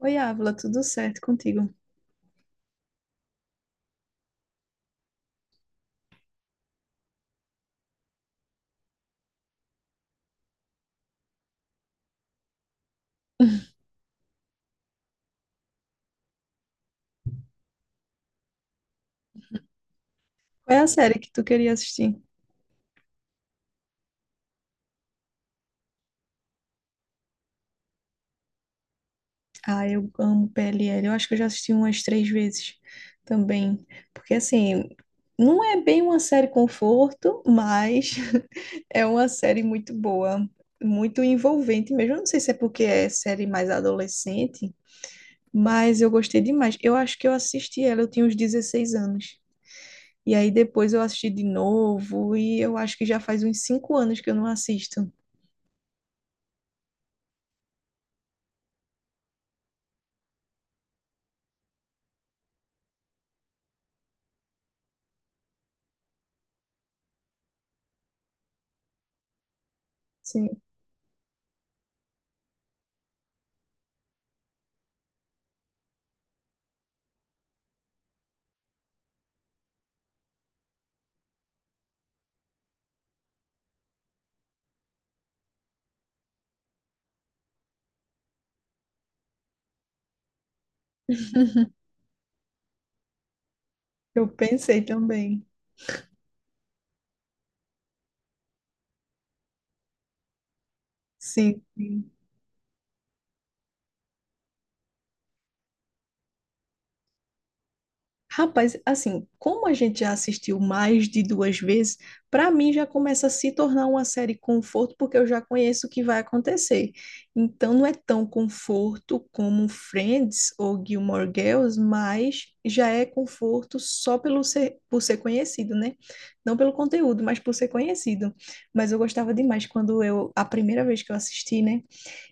Oi, Ávila, tudo certo contigo? Qual é a série que tu queria assistir? Ah, eu amo PLL. Eu acho que eu já assisti umas três vezes também. Porque, assim, não é bem uma série conforto, mas é uma série muito boa, muito envolvente mesmo. Eu não sei se é porque é série mais adolescente, mas eu gostei demais. Eu acho que eu assisti ela, eu tinha uns 16 anos. E aí depois eu assisti de novo, e eu acho que já faz uns 5 anos que eu não assisto. Sim, eu pensei também. Sim, sim. Rapaz, assim, como a gente já assistiu mais de duas vezes, para mim já começa a se tornar uma série conforto, porque eu já conheço o que vai acontecer. Então não é tão conforto como Friends ou Gilmore Girls, mas já é conforto só pelo ser, por ser conhecido, né? Não pelo conteúdo, mas por ser conhecido. Mas eu gostava demais quando eu, a primeira vez que eu assisti, né?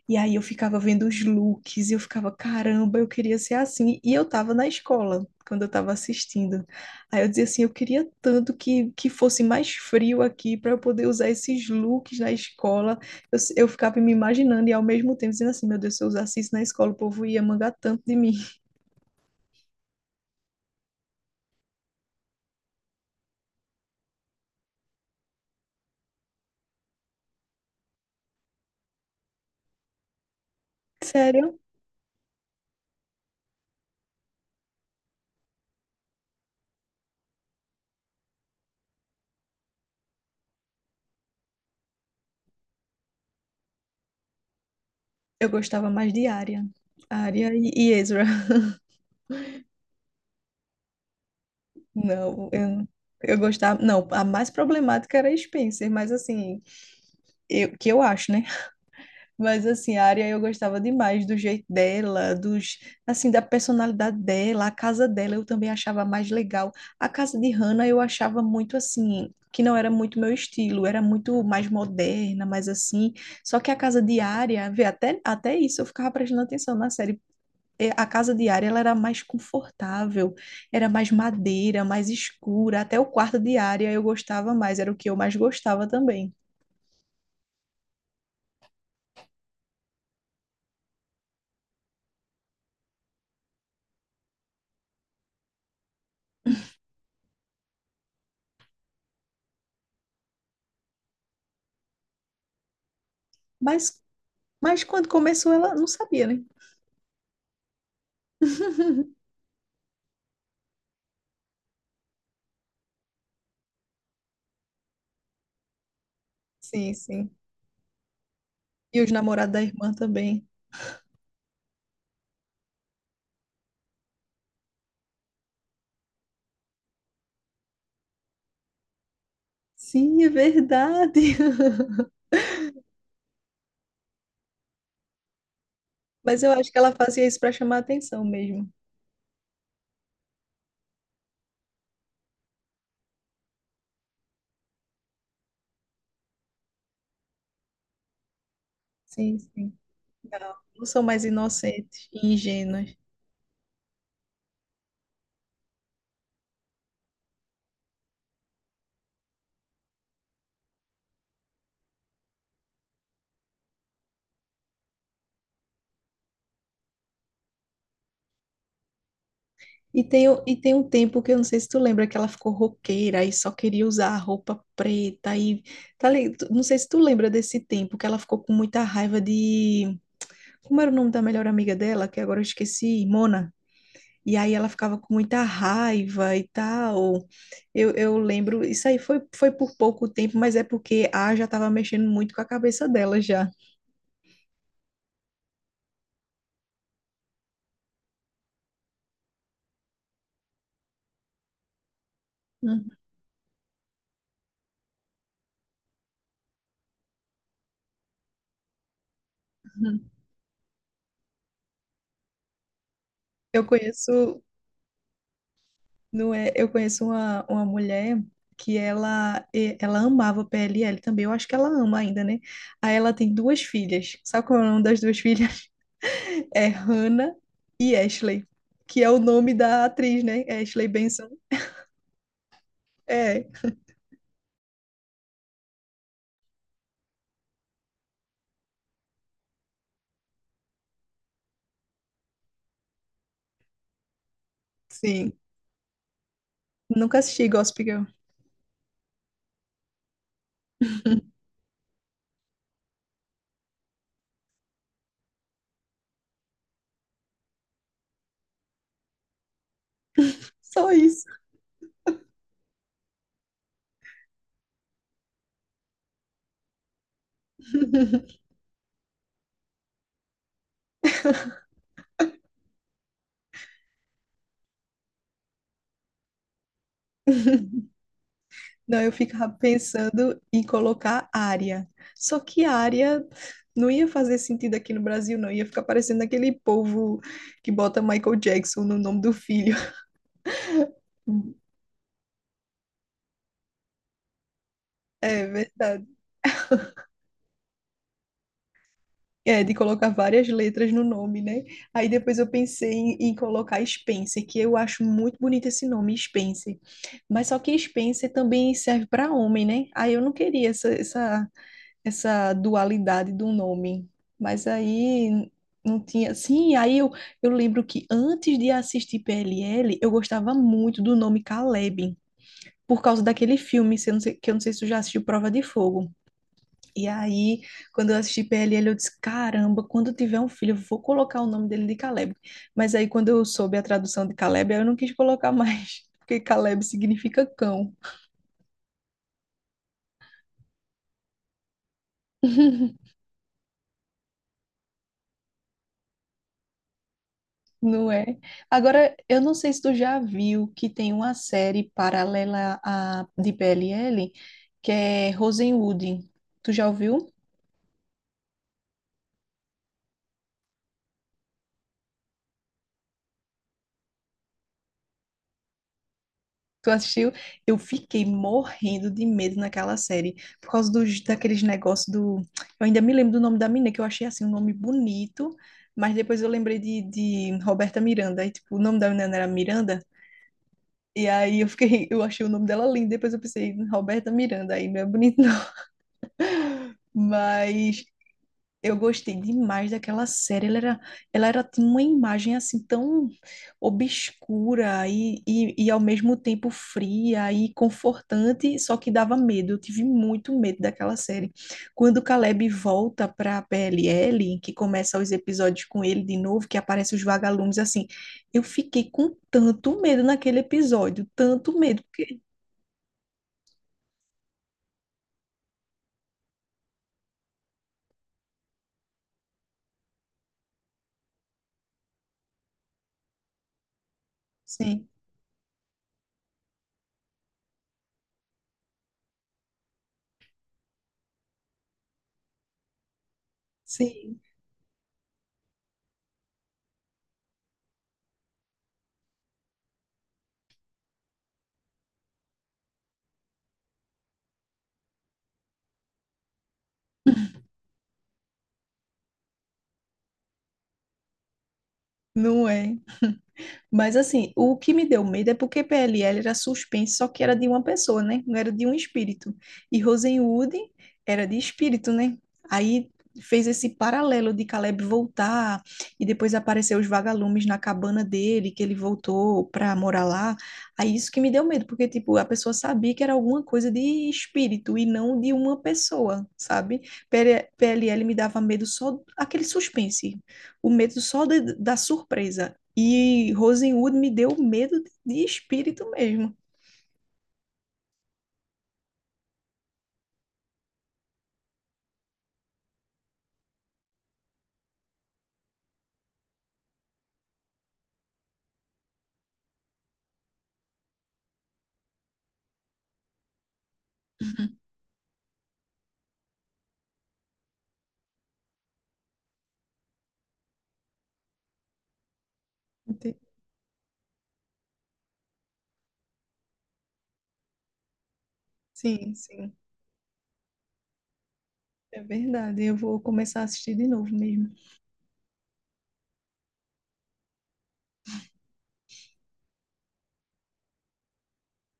E aí eu ficava vendo os looks e eu ficava, caramba, eu queria ser assim. E eu tava na escola quando eu tava assistindo. Aí eu dizia assim, eu queria tanto que fosse mais frio aqui para eu poder usar esses looks na escola. Eu, s- eu ficava me imaginando e ao mesmo tempo dizendo assim, meu Deus, se eu usasse isso na escola, o povo ia mangar tanto de mim. Sério, eu gostava mais de Arya. Arya e Ezra. Não, eu gostava... Não, a mais problemática era a Spencer, mas assim, eu, que eu acho, né? Mas assim, a Arya eu gostava demais do jeito dela, dos assim da personalidade dela, a casa dela eu também achava mais legal. A casa de Hannah eu achava muito assim, que não era muito meu estilo, era muito mais moderna, mais assim. Só que a casa de Arya, vê, até isso eu ficava prestando atenção na série. A casa de Arya ela era mais confortável, era mais madeira, mais escura, até o quarto de Arya eu gostava mais, era o que eu mais gostava também. Mas mas quando começou ela não sabia, né? Sim, sim. E os namorados da irmã também. Sim, é verdade. Mas eu acho que ela fazia isso para chamar atenção mesmo. Sim, sim. Não, não são mais inocentes e ingênuas. E tem, e tem um tempo que eu não sei se tu lembra que ela ficou roqueira e só queria usar a roupa preta e tá, não sei se tu lembra desse tempo que ela ficou com muita raiva de como era o nome da melhor amiga dela, que agora eu esqueci, Mona. E aí ela ficava com muita raiva e tal. Eu lembro, isso aí foi, por pouco tempo, mas é porque a já estava mexendo muito com a cabeça dela já. Uhum. Eu conheço, não é, eu conheço uma mulher que ela ela amava PLL também, eu acho que ela ama ainda, né? Aí ela tem duas filhas. Sabe qual é o nome das duas filhas? É Hannah e Ashley, que é o nome da atriz, né? Ashley Benson. É, sim. Nunca assisti Gossip Girl. Só isso. Não, eu ficava pensando em colocar área. Só que área não ia fazer sentido aqui no Brasil, não. Ia ficar parecendo aquele povo que bota Michael Jackson no nome do filho. É verdade. É, de colocar várias letras no nome, né? Aí depois eu pensei em colocar Spencer, que eu acho muito bonito esse nome, Spencer. Mas só que Spencer também serve para homem, né? Aí eu não queria essa, essa dualidade do nome. Mas aí não tinha. Sim, aí eu lembro que antes de assistir PLL, eu gostava muito do nome Caleb, por causa daquele filme, se eu não sei- que eu não sei se tu já assistiu Prova de Fogo. E aí, quando eu assisti PLL, eu disse: caramba, quando eu tiver um filho, eu vou colocar o nome dele de Caleb. Mas aí, quando eu soube a tradução de Caleb, aí eu não quis colocar mais, porque Caleb significa cão. Não é? Agora, eu não sei se tu já viu que tem uma série paralela à de PLL, que é Rosewood. Tu já ouviu? Tu assistiu? Eu fiquei morrendo de medo naquela série, por causa daqueles negócios do... Eu ainda me lembro do nome da menina, que eu achei, assim, um nome bonito, mas depois eu lembrei de Roberta Miranda, aí, tipo, o nome da menina era Miranda, e aí eu fiquei, eu achei o nome dela lindo, depois eu pensei, Roberta Miranda, aí não é bonito não. Mas eu gostei demais daquela série. Ela era tinha uma imagem assim tão obscura e ao mesmo tempo fria e confortante, só que dava medo. Eu tive muito medo daquela série. Quando o Caleb volta para a PLL, que começa os episódios com ele de novo, que aparecem os vagalumes assim, eu fiquei com tanto medo naquele episódio, tanto medo, porque sim, sim, não é. Mas assim, o que me deu medo é porque PLL era suspense, só que era de uma pessoa, né? Não era de um espírito. E Rosenwood era de espírito, né? Aí fez esse paralelo de Caleb voltar e depois apareceu os vagalumes na cabana dele, que ele voltou para morar lá. Aí isso que me deu medo, porque tipo, a pessoa sabia que era alguma coisa de espírito e não de uma pessoa, sabe? PLL me dava medo só aquele suspense, o medo só da surpresa. E Rosenwood me deu medo de espírito mesmo. Uhum. Ente- Sim, sim, é verdade. Eu vou começar a assistir de novo mesmo.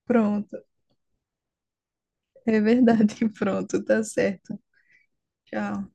Pronto, é verdade. Pronto, tá certo. Tchau.